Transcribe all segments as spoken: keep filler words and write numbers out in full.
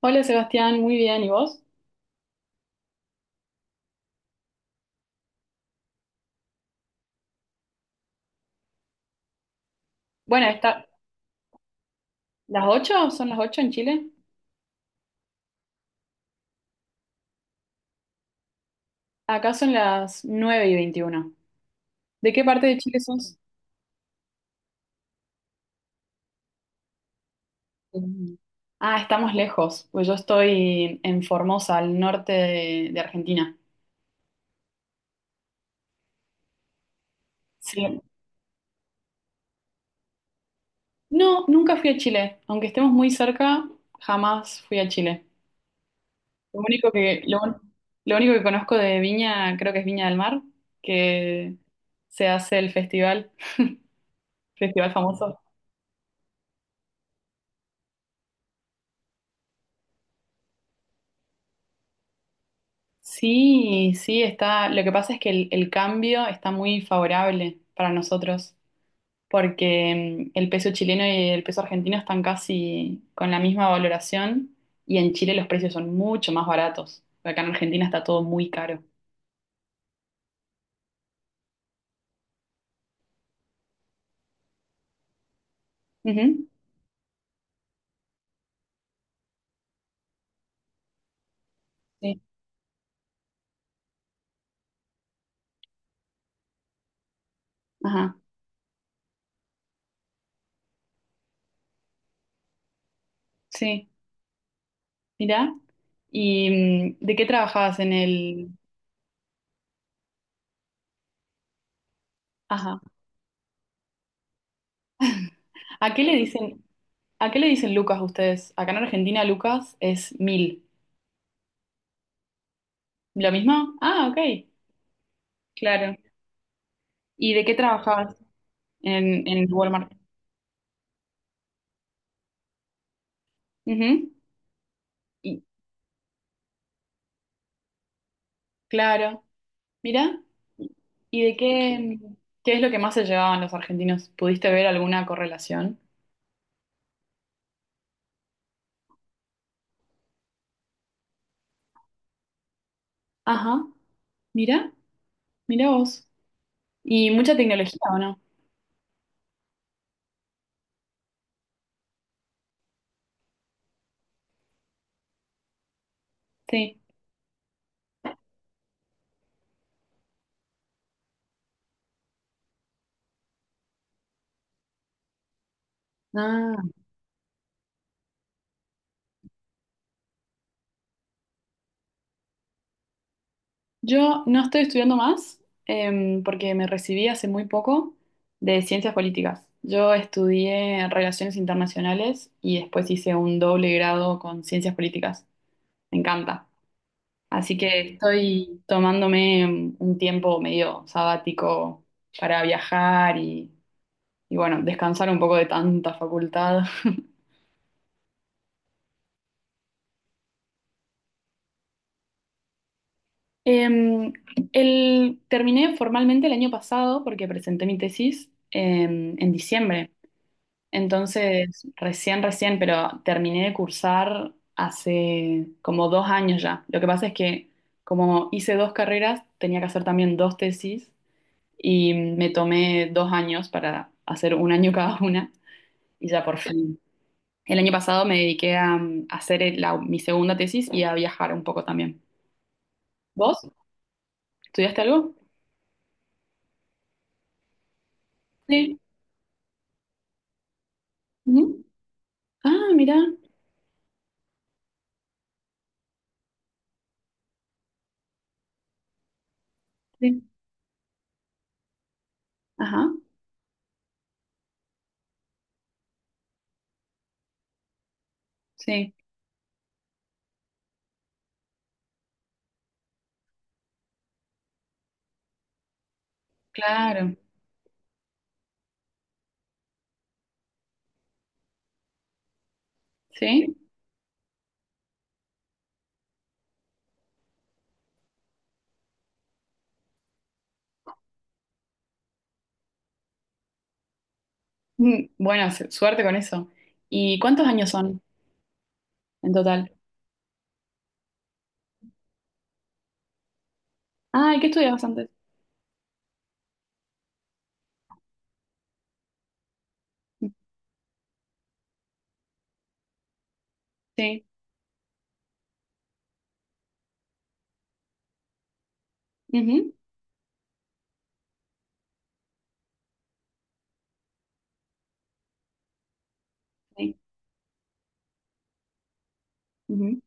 Hola Sebastián, muy bien, ¿y vos? Bueno, está, ¿las ocho, ¿Son las ocho en Chile? Acá son las nueve y veintiuno. ¿De qué parte de Chile sos? Mm. Ah, estamos lejos, pues yo estoy en Formosa, al norte de, de Argentina. Sí. No, nunca fui a Chile, aunque estemos muy cerca, jamás fui a Chile. Lo único que, lo, un- lo único que conozco de Viña, creo que es Viña del Mar, que se hace el festival, festival famoso. Sí, sí, está. Lo que pasa es que el, el cambio está muy favorable para nosotros, porque mm, el peso chileno y el peso argentino están casi con la misma valoración y en Chile los precios son mucho más baratos. Acá en Argentina está todo muy caro. Ujú. Sí, ajá, sí, mirá. ¿Y mm, de qué trabajabas en el? Ajá. ¿A qué le dicen, a qué le dicen Lucas ustedes? Acá en Argentina Lucas es mil. ¿Lo mismo? Ah, ok, claro. ¿Y de qué trabajabas en, en Walmart? Ujú. Y, claro, mira. ¿Y de qué, Qué es lo que más se llevaban los argentinos? ¿Pudiste ver alguna correlación? Ajá, mira, mira vos. ¿Y mucha tecnología o no? Sí. Ah, yo no estoy estudiando más em, porque me recibí hace muy poco de ciencias políticas. Yo estudié relaciones internacionales y después hice un doble grado con ciencias políticas. Me encanta. Así que estoy tomándome un tiempo medio sabático para viajar y, y, bueno, descansar un poco de tanta facultad. Em, el, Terminé formalmente el año pasado porque presenté mi tesis em, en diciembre. Entonces, recién, recién, pero terminé de cursar hace como dos años ya. Lo que pasa es que como hice dos carreras, tenía que hacer también dos tesis y me tomé dos años para hacer un año cada una y ya por fin. El año pasado me dediqué a, mm, a hacer el- la- mi segunda tesis y a viajar un poco también. ¿Vos? ¿Estudiaste algo? Sí. Ujú. Ah, mira. Sí. Ajá. Sí. Claro. Sí. Mm, Bueno, su- suerte con eso. ¿Y cuántos años son en total? Ah, ¿y qué estudiabas antes? Sí. Ujú. Sí. Ujú.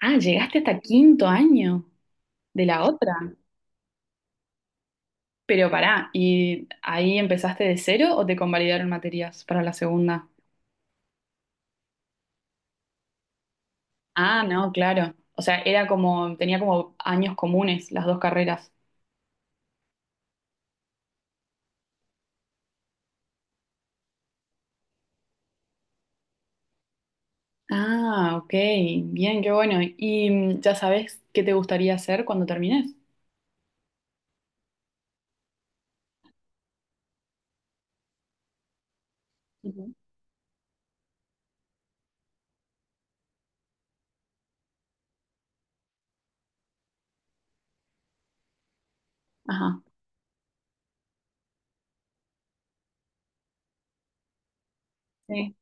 Ah, llegaste hasta quinto año de la otra. Pero pará, ¿y ahí empezaste de cero o te convalidaron materias para la segunda? Ah, no, claro. O sea, era como, tenía como años comunes las dos carreras. Ah, ok, bien, qué bueno. ¿Y mm, ya sabes qué te gustaría hacer cuando termines? Ujú. Ajá, sí,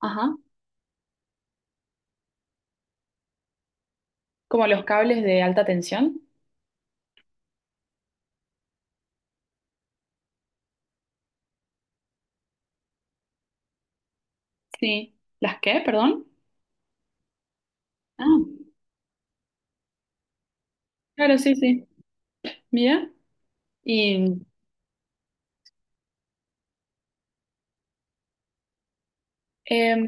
ajá. ¿Como los cables de alta tensión? Sí. ¿Las qué, perdón? Ah, claro, sí, sí. Mira. ¿Y em,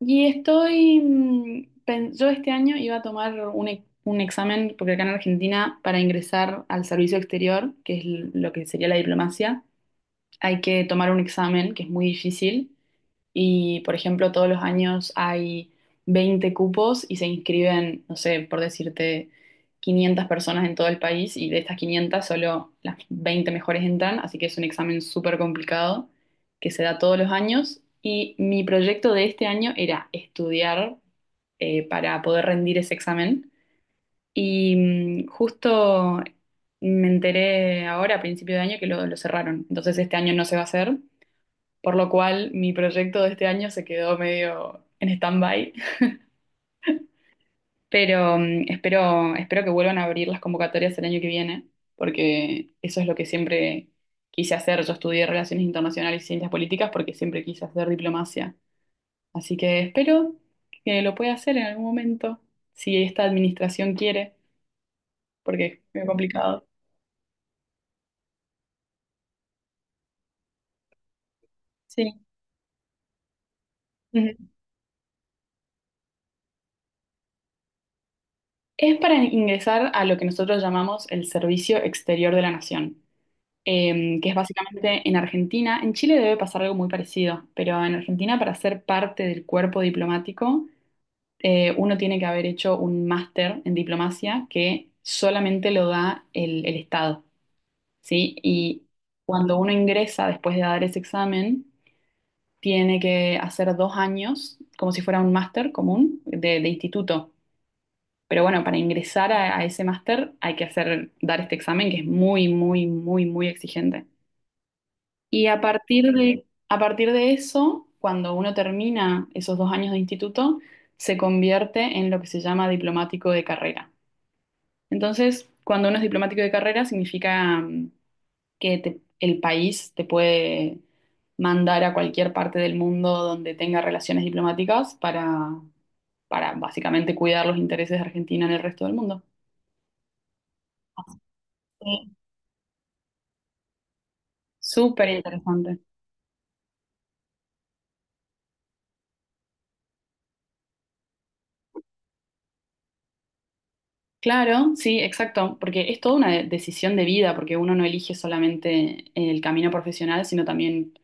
Y estoy, mm, pen- yo este año iba a tomar un, e- un examen, porque acá en Argentina, para ingresar al servicio exterior, que es l- lo que sería la diplomacia, hay que tomar un examen que es muy difícil y, por ejemplo, todos los años hay veinte cupos y se inscriben, no sé, por decirte, quinientas personas en todo el país y de estas quinientas solo las veinte mejores entran, así que es un examen súper complicado que se da todos los años y mi proyecto de este año era estudiar eh, para poder rendir ese examen y mm, justo me enteré ahora a principio de año que lo, lo cerraron, entonces este año no se va a hacer por lo cual mi proyecto de este año se quedó medio en stand-by, pero mm, espero, espero que vuelvan a abrir las convocatorias el año que viene, porque eso es lo que siempre quise hacer. Yo estudié Relaciones Internacionales y Ciencias Políticas porque siempre quise hacer diplomacia, así que espero que lo pueda hacer en algún momento, si esta administración quiere, porque es muy complicado. Sí. Ujú. Es para ingresar a lo que nosotros llamamos el Servicio Exterior de la Nación. eh, que es básicamente en Argentina. En Chile debe pasar algo muy parecido, pero en Argentina para ser parte del cuerpo diplomático, eh, uno tiene que haber hecho un máster en diplomacia que solamente lo da el, el Estado, ¿sí? Y cuando uno ingresa después de dar ese examen, tiene que hacer dos años, como si fuera un máster común de, de instituto. Pero bueno, para ingresar a, a ese máster hay que hacer, dar este examen que es muy, muy, muy, muy exigente. Y a partir de, a partir de eso, cuando uno termina esos dos años de instituto, se convierte en lo que se llama diplomático de carrera. Entonces, cuando uno es diplomático de carrera, significa mm, que te- el país te puede mandar a cualquier parte del mundo donde tenga relaciones diplomáticas para, para básicamente cuidar los intereses de Argentina en el resto del mundo. Sí. Súper interesante. Claro, sí, exacto, porque es toda una de- decisión de vida, porque uno no elige solamente el camino profesional, sino también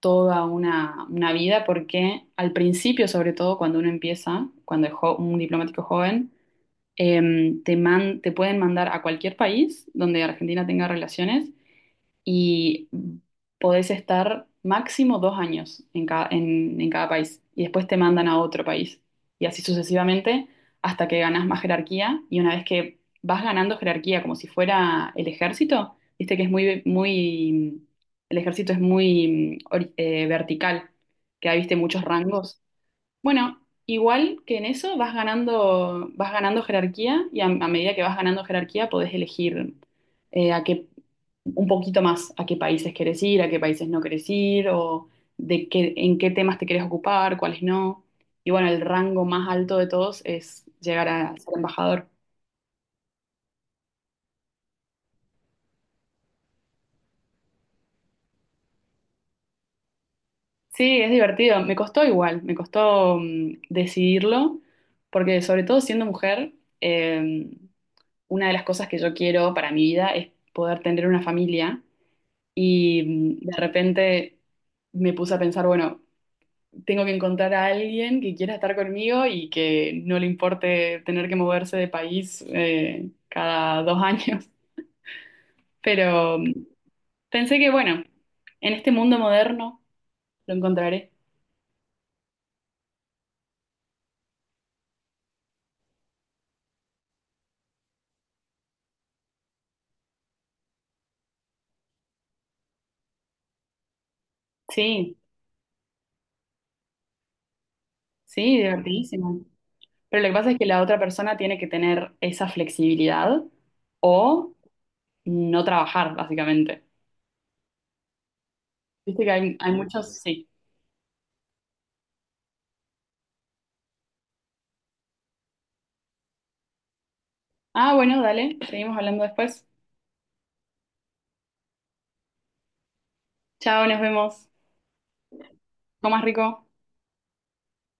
toda una, una vida, porque al principio, sobre todo cuando uno empieza, cuando es jo- un diplomático joven, em, te, man- te pueden mandar a cualquier país donde Argentina tenga relaciones y podés estar máximo dos años en cada, en, en cada país y después te mandan a otro país y así sucesivamente hasta que ganás más jerarquía y una vez que vas ganando jerarquía como si fuera el ejército, viste que es muy, muy, el ejército es muy mm, ori- eh, vertical, que hay, viste, muchos rangos. Bueno, igual que en eso vas ganando, vas ganando jerarquía y a, a medida que vas ganando jerarquía podés elegir eh, a qué, un poquito más a qué países querés ir, a qué países no querés ir, o de qué, en qué temas te querés ocupar, cuáles no. Y bueno, el rango más alto de todos es llegar a ser embajador. Sí, es divertido. Me costó igual, me costó mm, decidirlo, porque sobre todo siendo mujer, em, una de las cosas que yo quiero para mi vida es poder tener una familia y mm, de repente me puse a pensar, bueno, tengo que encontrar a alguien que quiera estar conmigo y que no le importe tener que moverse de país eh, cada dos años. Pero mm, pensé que, bueno, en este mundo moderno lo encontraré. Sí, sí, divertidísimo. Pero lo que pasa es que la otra persona tiene que tener esa flexibilidad o no trabajar, básicamente. Viste que hay, hay muchos, sí. Ah, bueno, dale, seguimos hablando después. Chao, nos vemos. Comas rico.